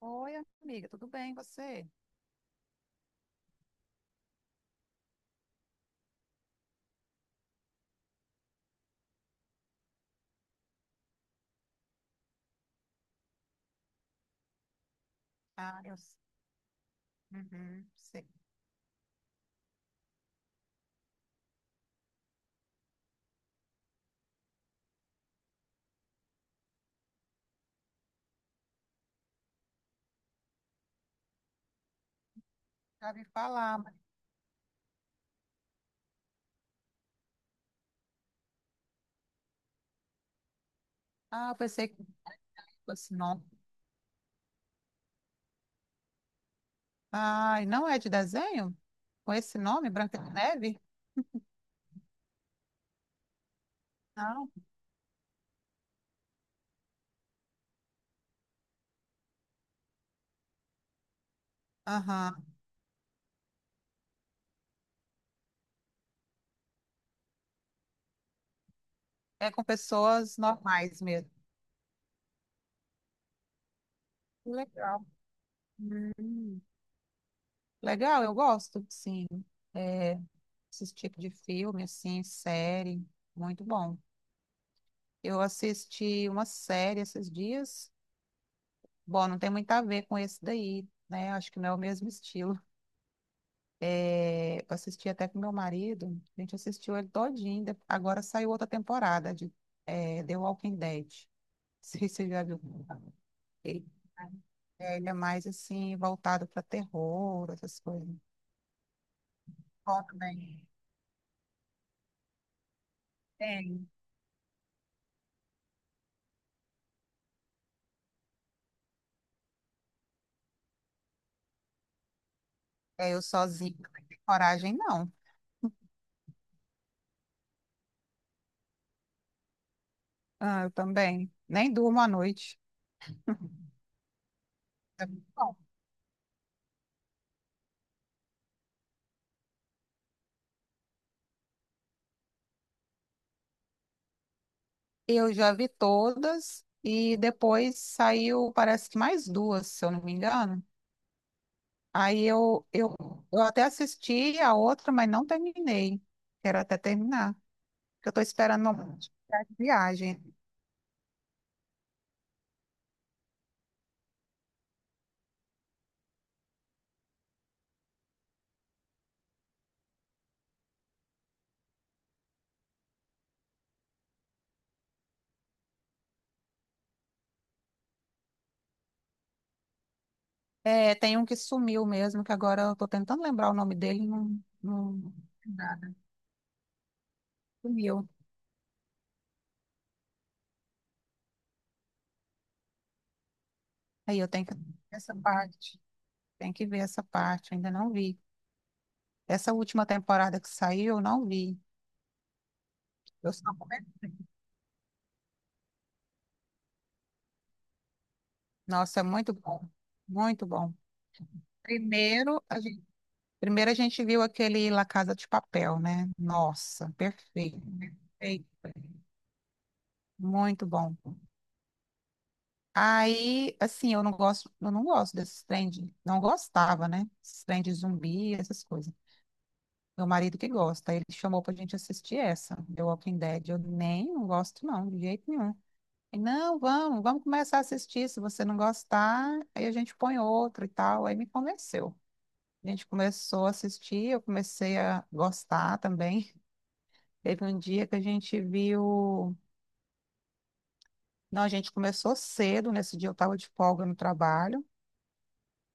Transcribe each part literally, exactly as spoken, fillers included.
Oi, amiga, tudo bem, você? Ah, eu s- uhum, sei. Já vi falar, mas... Ah, eu pensei que fosse nome. Ai, não é de desenho? Com esse nome, Branca de Neve? Não. Aham. É com pessoas normais mesmo. Que legal. Hum, Legal, eu gosto, sim. É, esse tipo de filme, assim, série, muito bom. Eu assisti uma série esses dias. Bom, não tem muito a ver com esse daí, né? Acho que não é o mesmo estilo. É, eu assisti até com meu marido, a gente assistiu ele todinho, de- agora saiu outra temporada de é, The Walking Dead. Não sei se você já viu. Ele é, ele é mais assim, voltado para terror, essas coisas. Ó, também. Tem. É, eu sozinho não tenho coragem, não. Ah, eu também. Nem durmo à noite. É muito bom. Eu já vi todas e depois saiu, parece que mais duas, se eu não me engano. Aí eu, eu, eu até assisti a outra, mas não terminei. Quero até terminar, porque eu estou esperando uma oportunidade de viagem. É, tem um que sumiu mesmo, que agora eu estou tentando lembrar o nome dele, não, não, nada. Sumiu. Aí eu tenho que ver essa parte. Tem que ver essa parte, ainda não vi. Essa última temporada que saiu, eu não vi. Eu só comecei. Nossa, é muito bom. Muito bom. Primeiro, a gente Primeiro a gente viu aquele La Casa de Papel, né? Nossa, perfeito, perfeito. Muito bom. Aí, assim, eu não gosto, eu não gosto desses trem de- não gostava, né? Esses trem de zumbi, essas coisas. Meu marido que gosta, ele chamou pra gente assistir essa, The Walking Dead. Eu nem não gosto, não, de jeito nenhum. Ele, não, vamos, vamos começar a assistir. Se você não gostar, aí a gente põe outra e tal. Aí me convenceu. A gente começou a assistir, eu comecei a gostar também. Teve um dia que a gente viu. Não, a gente começou cedo. Nesse dia eu estava de folga no trabalho.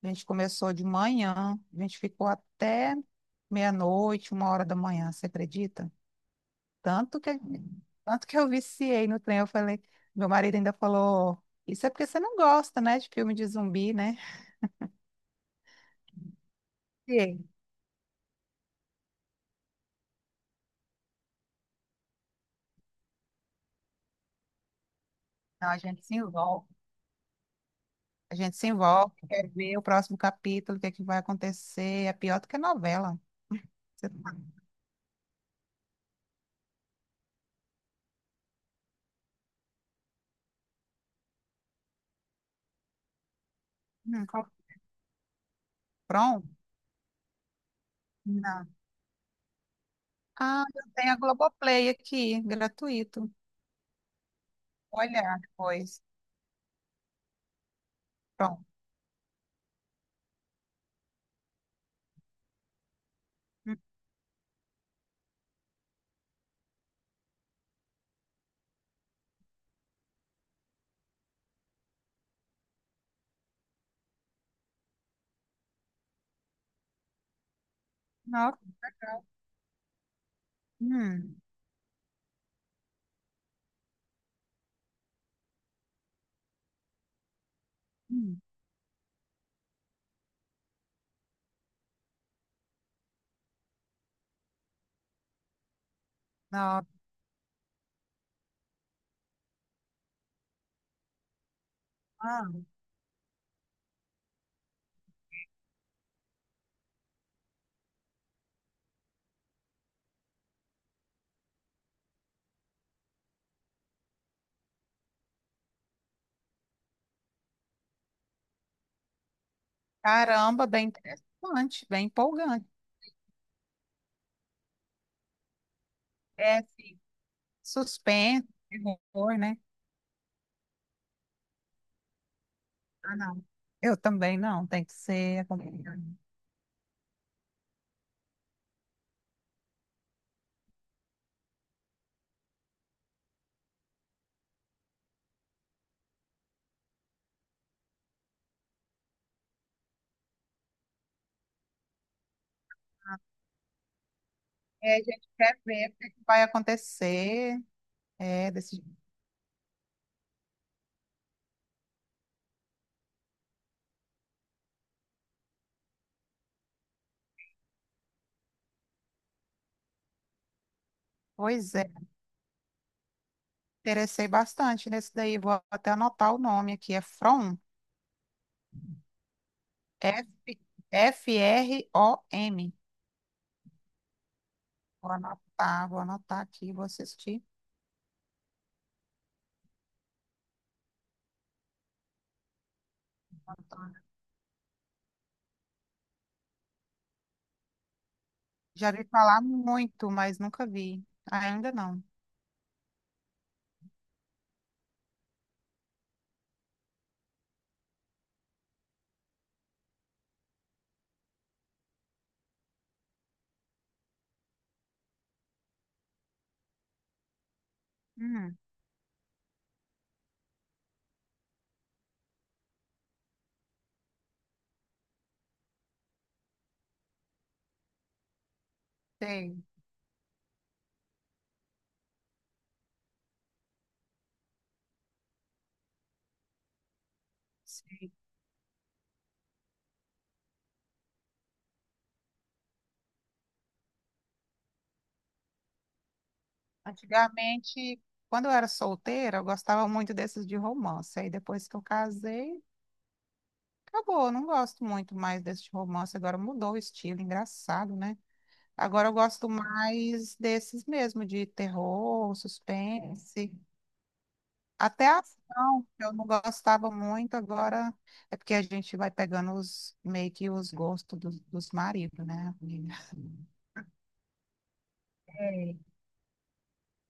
A gente começou de manhã, a gente ficou até meia-noite, uma hora da manhã, você acredita? Tanto que, tanto que eu viciei no trem. Eu falei, meu marido ainda falou: Isso é porque você não gosta, né, de filme de zumbi, né? Viciei. Não, a gente se envolve. A gente se envolve, quer ver o próximo capítulo, o que é que vai acontecer. É pior do que novela. Você... Hum, qual- Pronto? Não. Ah, eu tenho a Globoplay aqui, gratuito. Olha, pois. Pronto. Hum, Não. Hum, hum, não. Ah, caramba, bem interessante, bem empolgante. É, sim. Suspense, terror, né? Ah, não. Eu também não, tem que ser acompanhado. É, a gente quer ver o que é que vai acontecer. É, desse jeito. Pois é, interessei bastante nesse daí. Vou até anotar o nome aqui. É From, F, F-R-O-M. Vou anotar, vou anotar aqui, vou assistir. Já vi falar muito, mas nunca vi. Ainda não. Hum, sei, sei. Antigamente, quando eu era solteira, eu gostava muito desses de romance. Aí depois que eu casei, acabou. Eu não gosto muito mais desse de romance. Agora mudou o estilo, engraçado, né? Agora eu gosto mais desses mesmo, de terror, suspense. Até a ação, que eu não gostava muito, agora é porque a gente vai pegando os, meio que os gostos dos, dos maridos, né, amiga? É.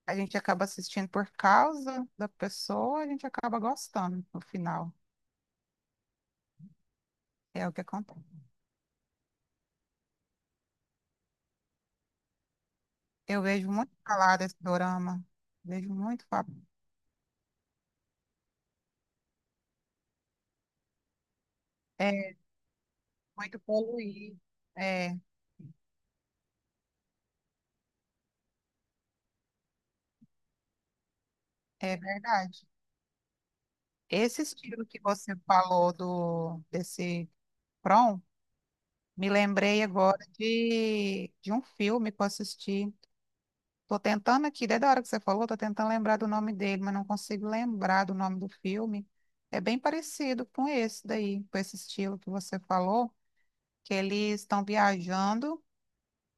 A gente acaba assistindo por causa da pessoa, a gente acaba gostando no final. É o que acontece. Eu vejo muito falar desse dorama, vejo muito falar. É muito poluído. É, é verdade. Esse estilo que você falou do desse prom, me lembrei agora de, de um filme que eu assisti. Tô tentando aqui, desde a hora que você falou, tô tentando lembrar do nome dele, mas não consigo lembrar do nome do filme. É bem parecido com esse daí, com esse estilo que você falou, que eles estão viajando,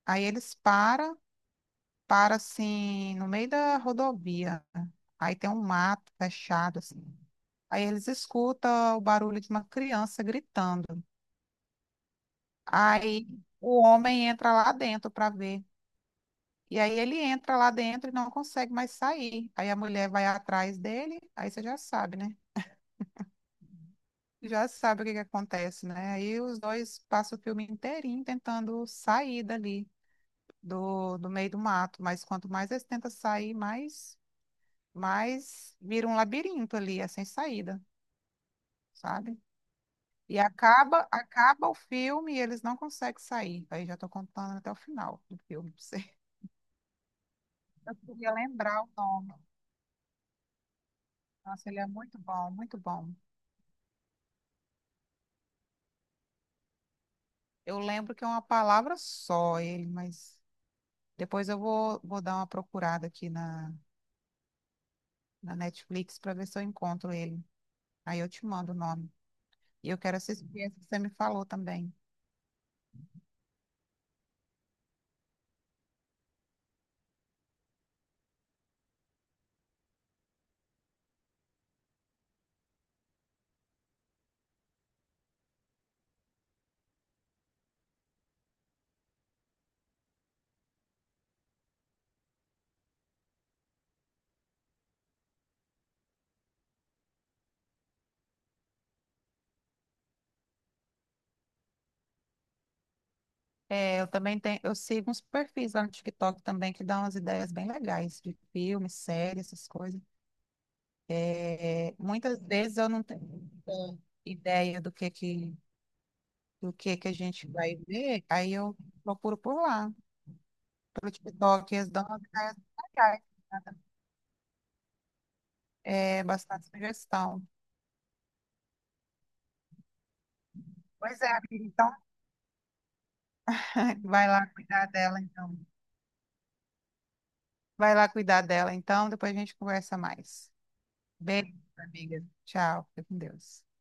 aí eles param, param assim, no meio da rodovia. Aí tem um mato fechado, assim. Aí eles escutam o barulho de uma criança gritando. Aí o homem entra lá dentro para ver. E aí ele entra lá dentro e não consegue mais sair. Aí a mulher vai atrás dele, aí você já sabe, né? Já sabe o que que acontece, né? Aí os dois passam o filme inteirinho tentando sair dali, do, do meio do mato. Mas quanto mais eles tentam sair, mais, mais vira um labirinto ali, é sem saída, sabe? E acaba, acaba o filme e eles não conseguem sair. Aí já estou contando até o final do filme pra você. Eu queria lembrar o nome. Nossa, ele é muito bom, muito bom. Eu lembro que é uma palavra só ele, mas depois eu vou, vou dar uma procurada aqui na, na Netflix para ver se eu encontro ele. Aí eu te mando o nome. E eu quero assistir esse que você me falou também. É, eu também tenho, eu sigo uns perfis lá no TikTok também que dão umas ideias bem legais de filmes, séries, essas coisas. É, muitas vezes eu não tenho muita ideia do que que, do que que a gente vai ver, aí eu procuro por lá, pelo TikTok, eles dão umas ideias legais, é, bastante sugestão. Pois é, amiga, então vai lá cuidar dela, então. Vai lá cuidar dela, então, depois a gente conversa mais. Beijo, amiga. Tchau, fica com Deus.